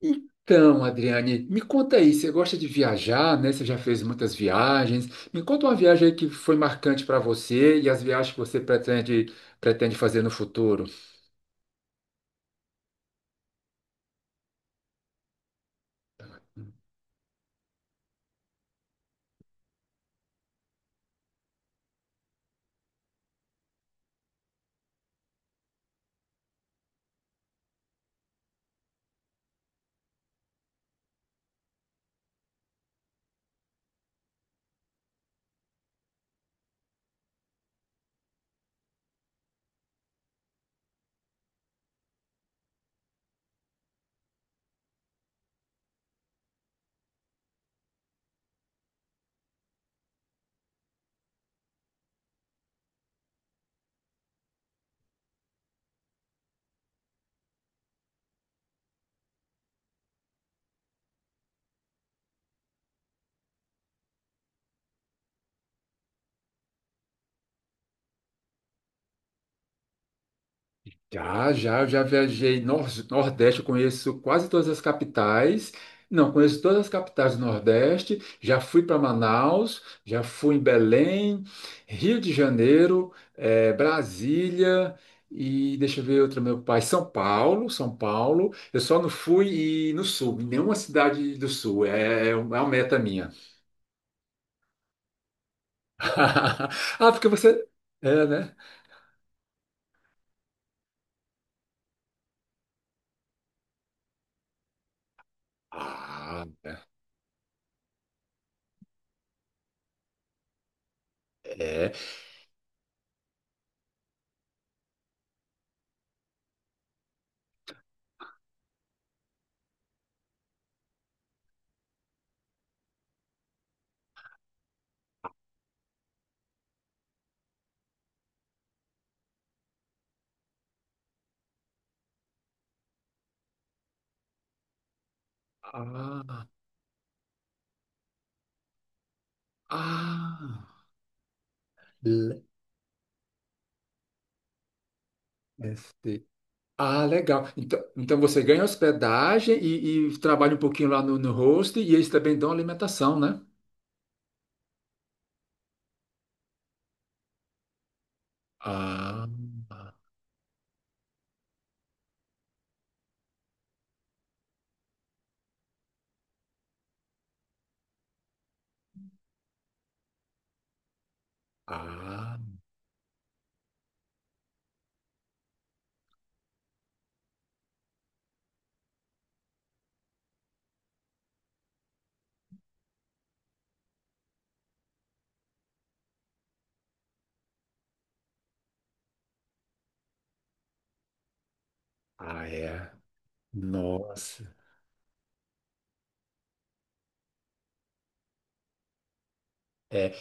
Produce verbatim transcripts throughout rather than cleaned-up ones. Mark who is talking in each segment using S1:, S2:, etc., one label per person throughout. S1: Então, Adriane, me conta aí, você gosta de viajar, né? Você já fez muitas viagens. Me conta uma viagem aí que foi marcante para você e as viagens que você pretende, pretende fazer no futuro. Já, já, eu já viajei nor Nordeste, eu conheço quase todas as capitais. Não, conheço todas as capitais do Nordeste. Já fui para Manaus, já fui em Belém, Rio de Janeiro, eh, Brasília, e deixa eu ver outra, meu pai, São Paulo, São Paulo. Eu só não fui e no Sul, em nenhuma cidade do Sul. É, é um, é uma meta minha. Ah, porque você. É, né? Ah, é. É. Ah, ah. ST. Ah, legal. Então, então você ganha hospedagem e, e trabalha um pouquinho lá no, no host, e eles também dão alimentação, né? Ah, ah, ah, é. Nossa. É,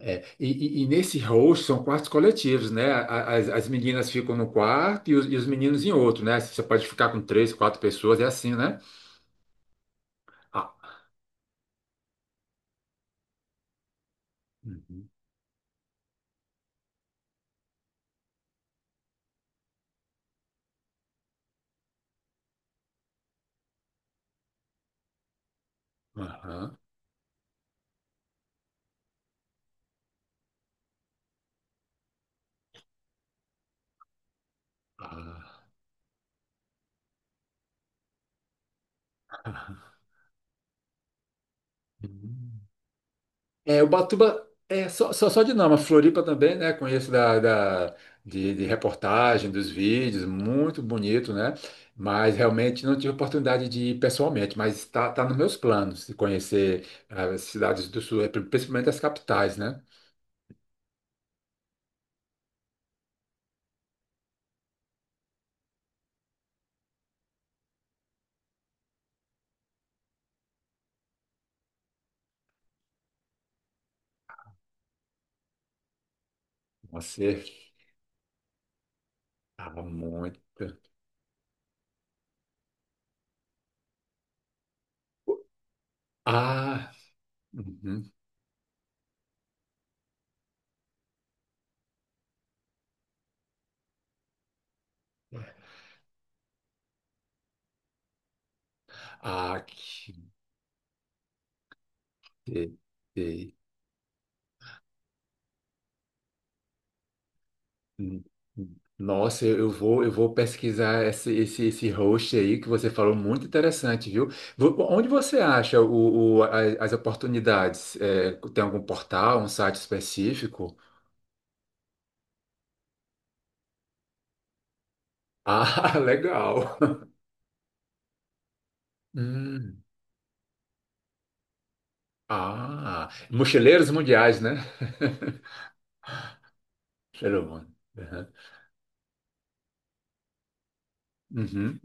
S1: é. E, e- e nesse host são quartos coletivos, né? A- As, as meninas ficam no quarto e os, e os meninos em outro, né? Você pode ficar com três, quatro pessoas, é assim, né? Ah. Uhum. Aham. Ah. É, Ubatuba é só, só, só de nome, a Floripa também, né? Conheço da, da- de, de reportagem, dos vídeos, muito bonito, né? Mas realmente não tive oportunidade de ir pessoalmente, mas está tá tá nos meus planos de conhecer as cidades do sul, é, principalmente as capitais, né? Você estava muito. Ah, uhum. Ah, que delícia. Hum, hum. Nossa, eu eu vou, eu vou pesquisar esse, esse, esse host aí que você falou, muito interessante, viu? Vo- Onde você acha o, o- a- as oportunidades? É, tem algum portal, um site específico? Ah, legal. Hum, ah, mochileiros mundiais, né? Cheiro bom. Uhum. Uhum.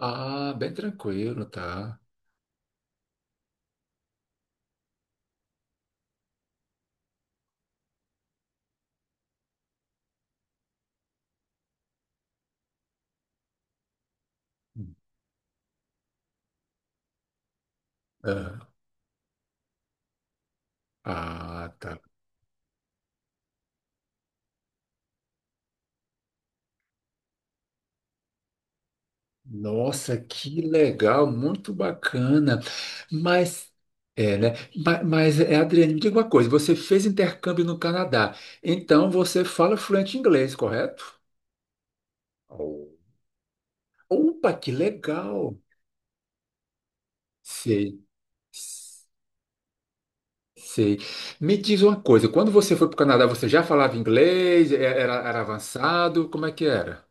S1: Ah, bem tranquilo, tá? Uhum. Ah, tá. Nossa, que legal, muito bacana. Mas, é, né? Ma- Mas, é, Adriane, me diga uma coisa: você fez intercâmbio no Canadá, então você fala fluente inglês, correto? Oh. Opa, que legal! Sei, sei. Me diz uma coisa: quando você foi para o Canadá, você já falava inglês? E- Era, era avançado? Como é que era?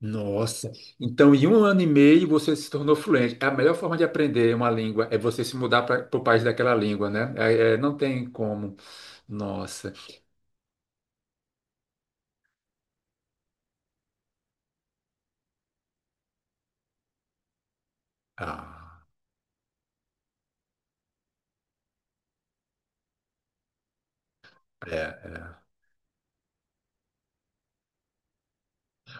S1: Nossa. Então, em um ano e meio você se tornou fluente. A melhor forma de aprender uma língua é você se mudar para o país daquela língua, né? É- é, não tem como. Nossa. Ah, é. É.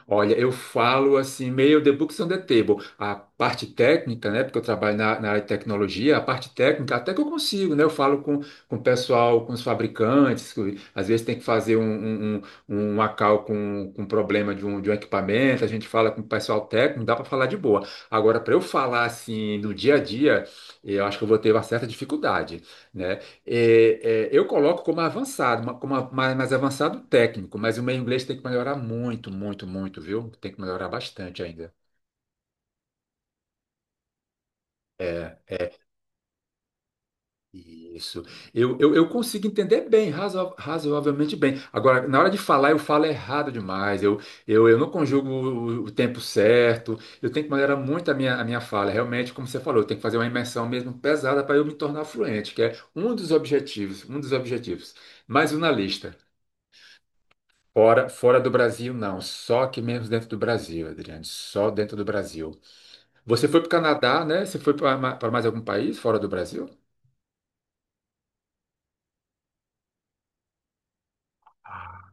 S1: Olha, eu falo assim, meio the books on the table. A parte técnica, né? Porque eu trabalho na, na área de tecnologia, a parte técnica, até que eu consigo, né? Eu falo com, com o pessoal, com os fabricantes, que às vezes tem que fazer um, um, um, uma cal com, com problema de um, de um equipamento, a gente fala com o pessoal técnico, dá para falar de boa. Agora, para eu falar assim no dia a dia, eu acho que eu vou ter uma certa dificuldade, né? É, é, eu coloco como avançado, uma- como a- mais, mais avançado técnico, mas o meu inglês tem que melhorar muito, muito, muito, viu? Tem que melhorar bastante ainda. É, isso. Eu, eu, eu consigo entender bem, razo- razoavelmente bem. Agora, na hora de falar, eu falo errado demais. Eu, eu, eu não conjugo o, o tempo certo. Eu tenho que melhorar muito a minha, a minha fala. Realmente, como você falou, eu tenho que fazer uma imersão mesmo pesada para eu me tornar fluente, que é um dos objetivos, um dos objetivos. Mais um na lista. Fora, fora do Brasil, não. Só aqui mesmo dentro do Brasil, Adriane. Só dentro do Brasil. Você foi para o Canadá, né? Você foi para mais algum país fora do Brasil? Ah,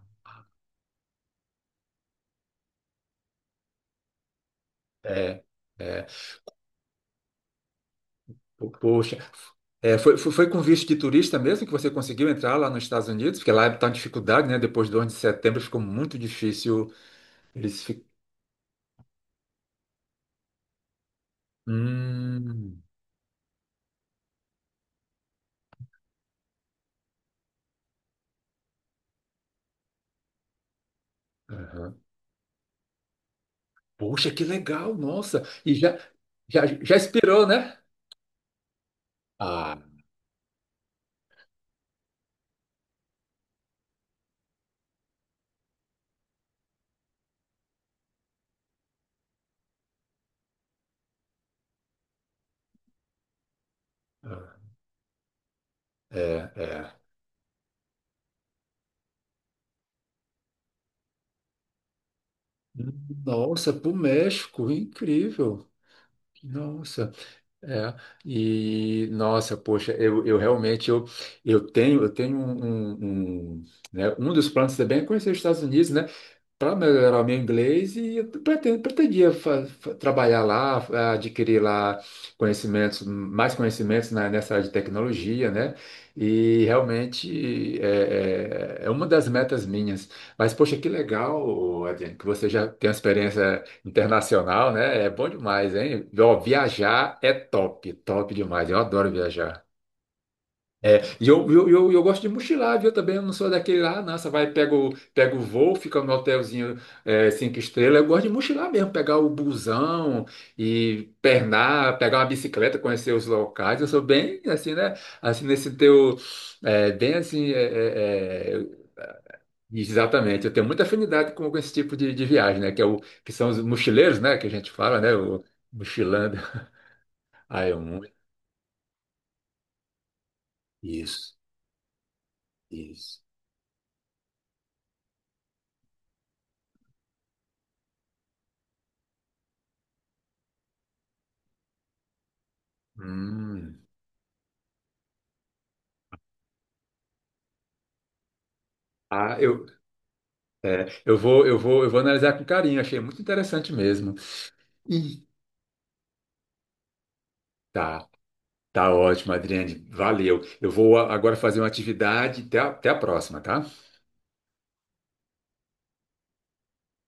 S1: é, é. Po- Poxa. É, foi, foi, foi com visto de turista mesmo que você conseguiu entrar lá nos Estados Unidos? Porque lá está em dificuldade, né? Depois do onze de setembro ficou muito difícil. Eles ficam. Hum, aham. Poxa, que legal, nossa. E já, já, já esperou, né? Ah, é, é. Nossa, para o México, incrível. Nossa, é. E nossa, poxa, eu, eu realmente eu, eu tenho eu tenho um, um, um, né, um dos planos também é conhecer os Estados Unidos, né? Para melhorar o meu inglês, e eu pretendo, pretendia fa- fa- trabalhar lá, fa- adquirir lá conhecimentos, mais conhecimentos na- nessa área de tecnologia, né? E realmente é, é- é uma das metas minhas. Mas, poxa, que legal, Adriano, que você já tem uma experiência internacional, né? É bom demais, hein? Ó, viajar é top, top demais. Eu adoro viajar. E eu, eu, eu, eu gosto de mochilar, viu? Também eu não sou daquele lá, nossa, vai, pega o, pega o voo, fica no hotelzinho é, cinco estrelas. Eu gosto de mochilar mesmo, pegar o busão e pernar, pegar uma bicicleta, conhecer os locais. Eu sou bem assim, né? Assim, nesse teu. É, bem assim. É, é, é, exatamente. Eu tenho muita afinidade com, com esse tipo de, de viagem, né? Que, é o, que são os mochileiros, né? Que a gente fala, né? O mochilando. Ah, é muito. Isso, isso. Hum. Ah, eu, é, eu vou, eu vou, eu vou analisar com carinho, achei muito interessante mesmo. E tá, tá ótimo, Adriane, valeu. Eu vou a- agora fazer uma atividade, até a, até a próxima, tá?